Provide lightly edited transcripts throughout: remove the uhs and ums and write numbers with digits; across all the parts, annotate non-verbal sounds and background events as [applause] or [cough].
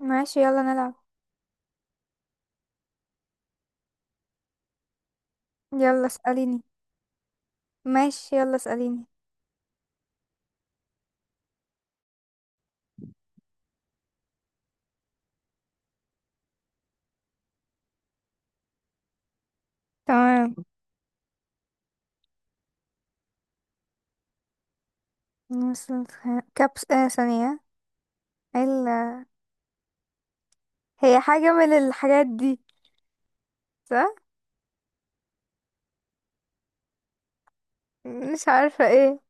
ماشي، يلا نلعب. يلا اسأليني. ماشي، يلا اسأليني. تمام. مثل. كبس آه ثانية. ال... هي حاجة من الحاجات دي، صح؟ مش عارفة ايه.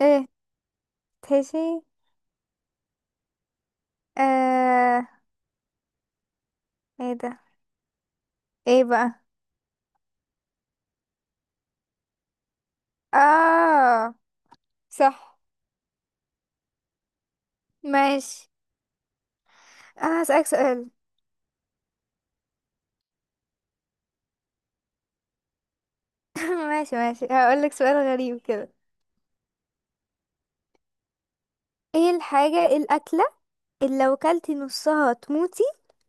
ايه تهشي. آه. ايه ده؟ ايه بقى؟ اه. صح. ماشي، انا هسألك سؤال. [laughs] ماشي ماشي، هقولك سؤال غريب كده. ايه الحاجة إيه الأكلة اللي لو كلتي نصها تموتي،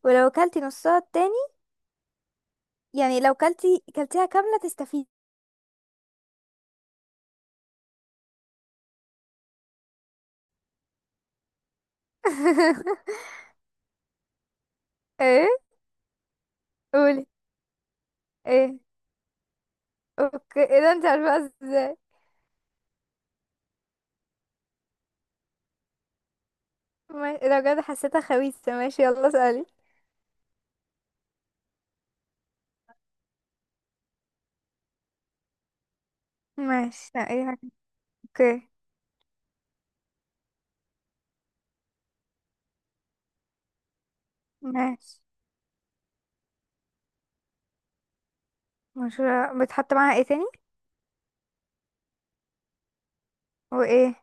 ولو كلتي نصها التاني، يعني لو كلتيها كاملة تستفيدي. [laughs] ايه؟ قولي. ايه. اوكي، ايه ده، انت عارفه ازاي؟ ماشي، لو بجد حسيتها خبيثه، ماشي، يلا اسالي. ماشي، لا، ايه حاجه. اوكي. ماشي. مشهورة، بتحط معاها ايه تاني؟ وايه؟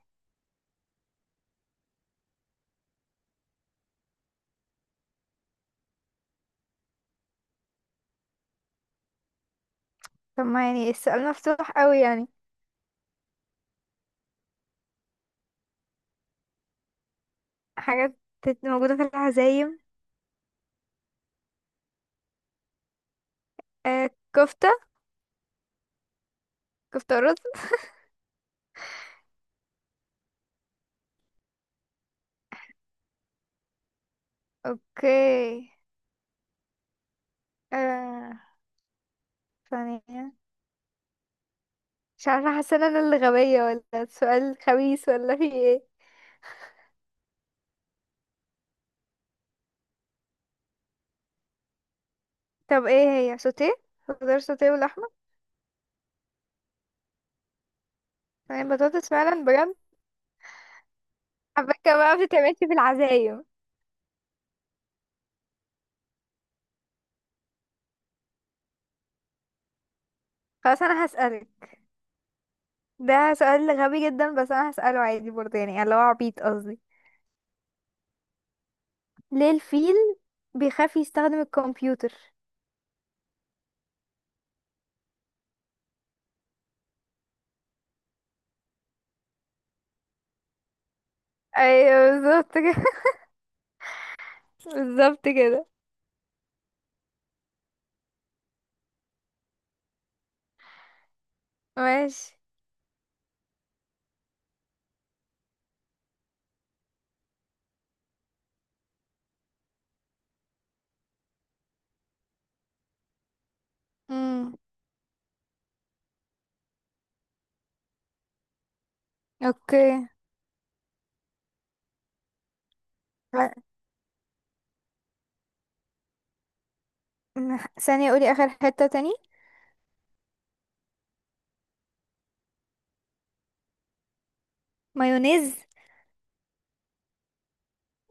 طب، ما يعني السؤال مفتوح قوي يعني. حاجات موجوده في العزايم. آه، كفته. كفته ورز. اوكي. آه، ثانيه. مش عارفه، حاسه ان انا اللي غبيه ولا السؤال خبيث ولا في ايه؟ طب ايه هي، سوتيه؟ خضار سوتيه ولحمه؟ صينية بطاطس، فعلا بجد؟ حبكة بقى بتتعملش في العزايم. خلاص، انا هسألك. ده سؤال غبي جدا، بس انا هسأله عادي برضه، يعني اللي هو عبيط قصدي. ليه الفيل بيخاف يستخدم الكمبيوتر؟ ايوه، بالظبط كده. [laughs] بالظبط كده. ماشي. امم. اوكي. لا، ثانية، قولي اخر حتة تاني. مايونيز؟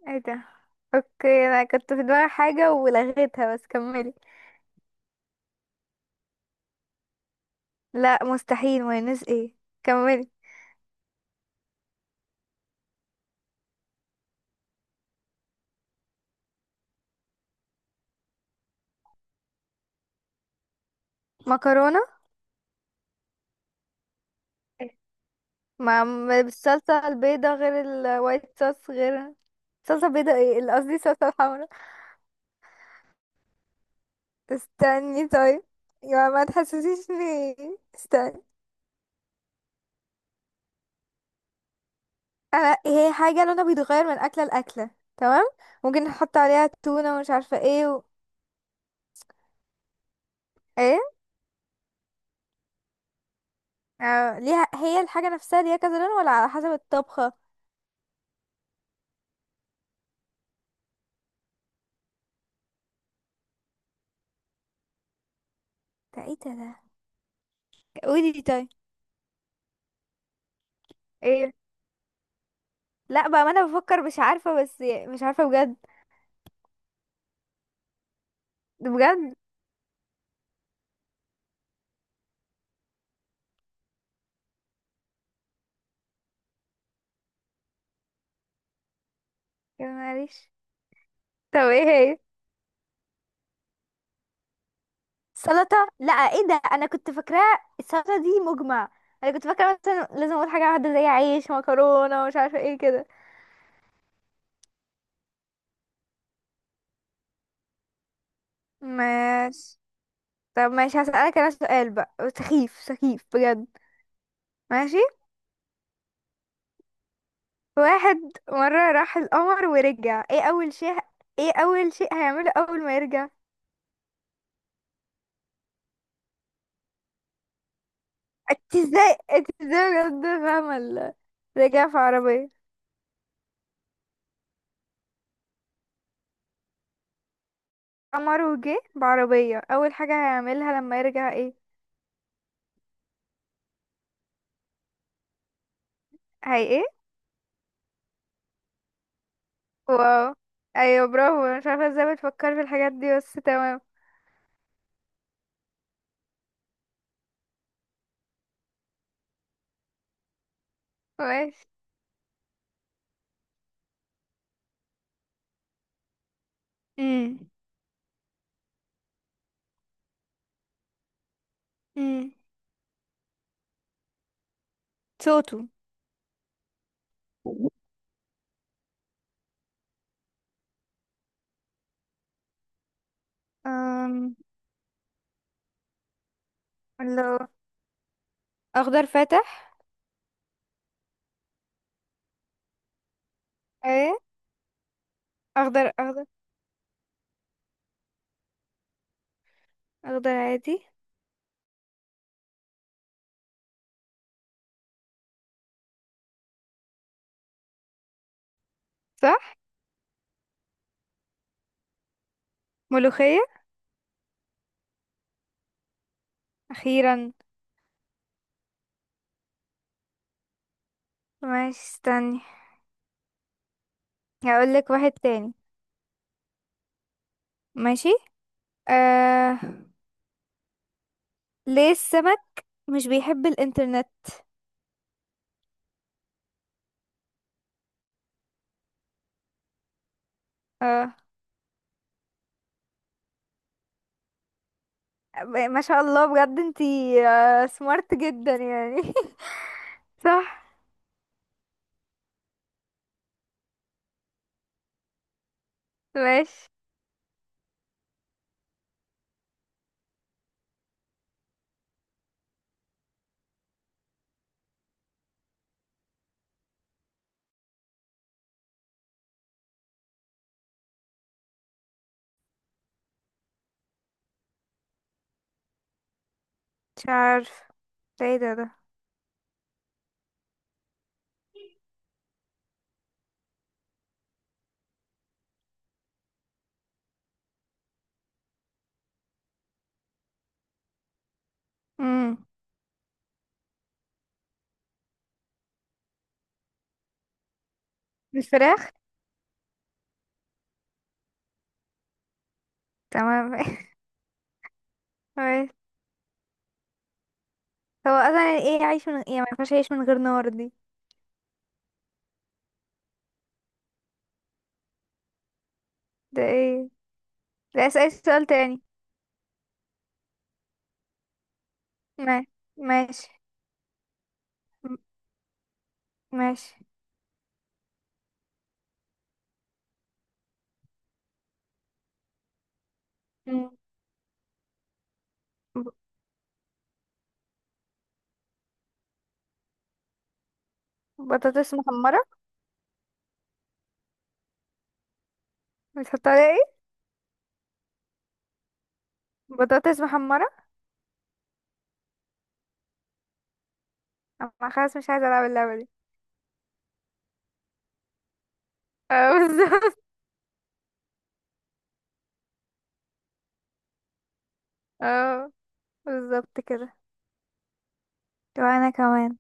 ايه ده؟ اوكي، انا كنت في دماغي حاجة ولغيتها، بس كملي. لا، مستحيل مايونيز، ايه؟ كملي. مكرونة. بالصلصة البيضة غير، الوايت صوص غير. صلصة بيضة، ايه اللي قصدي، صلصة حمرا. استني طيب. يا ما تحسسيشني. استني. انا هي حاجة لونها بيتغير من أكلة لأكلة، تمام. ممكن نحط عليها تونة ومش عارفة ايه. ايه. آه، ليها، هي الحاجة نفسها ليها كذا لون ولا على حسب الطبخة؟ ده ايه ده؟ ده قولي دي طيب. ايه. لا بقى، ما انا بفكر، مش عارفة بس. مش عارفة بجد. بجد. يا معلش. طب ايه هي؟ سلطة؟ لا، ايه ده، انا كنت فاكراه السلطة دي مجمع. انا كنت فاكرة مثلا لازم اقول حاجة واحدة زي عيش، مكرونة، ومش عارفة ايه كده. ماشي. طب ماشي، هسألك انا سؤال بقى، سخيف سخيف بجد. ماشي. واحد، مرة راح القمر ورجع، ايه اول شيء؟ ايه اول شيء هيعمله اول ما يرجع؟ انت ازاي، انت ازاي بجد فاهمة؟ رجع في عربية. قمر وجه بعربية، اول حاجة هيعملها لما يرجع ايه؟ هي ايه؟ واو. ايوه، برافو. انا مش عارفه ازاي بتفكر في الحاجات دي، بس تمام. ماشي. امم. امم. صوته. أم... لو. اخضر فاتح. ايه. اخضر اخضر. اخضر عادي. صح. ملوخية. اخيرا. ماشي، استني. هقولك واحد تاني. ماشي. آه... ليه السمك مش بيحب الانترنت؟ اه. ما شاء الله بجد انتي. آه، سمارت جدا يعني. [laughs] صح. ماشي. مش عارفه. ده ايه ده. امم. بالفراخ. تمام. [laughs] تمام. هو اصلا يعني ايه عايش من، يعني ما ينفعش يعيش من غير نار دي. ده ايه؟ ده اسأل سؤال تاني. ما- ماشي. م- ماشي. مم. ب- بطاطس محمرة. بتحط عليها ايه؟ بطاطس محمرة. انا خلاص مش عايزة العب اللعبة دي. اه، [laughs] بالظبط. اه، بالظبط كده. طب انا كمان.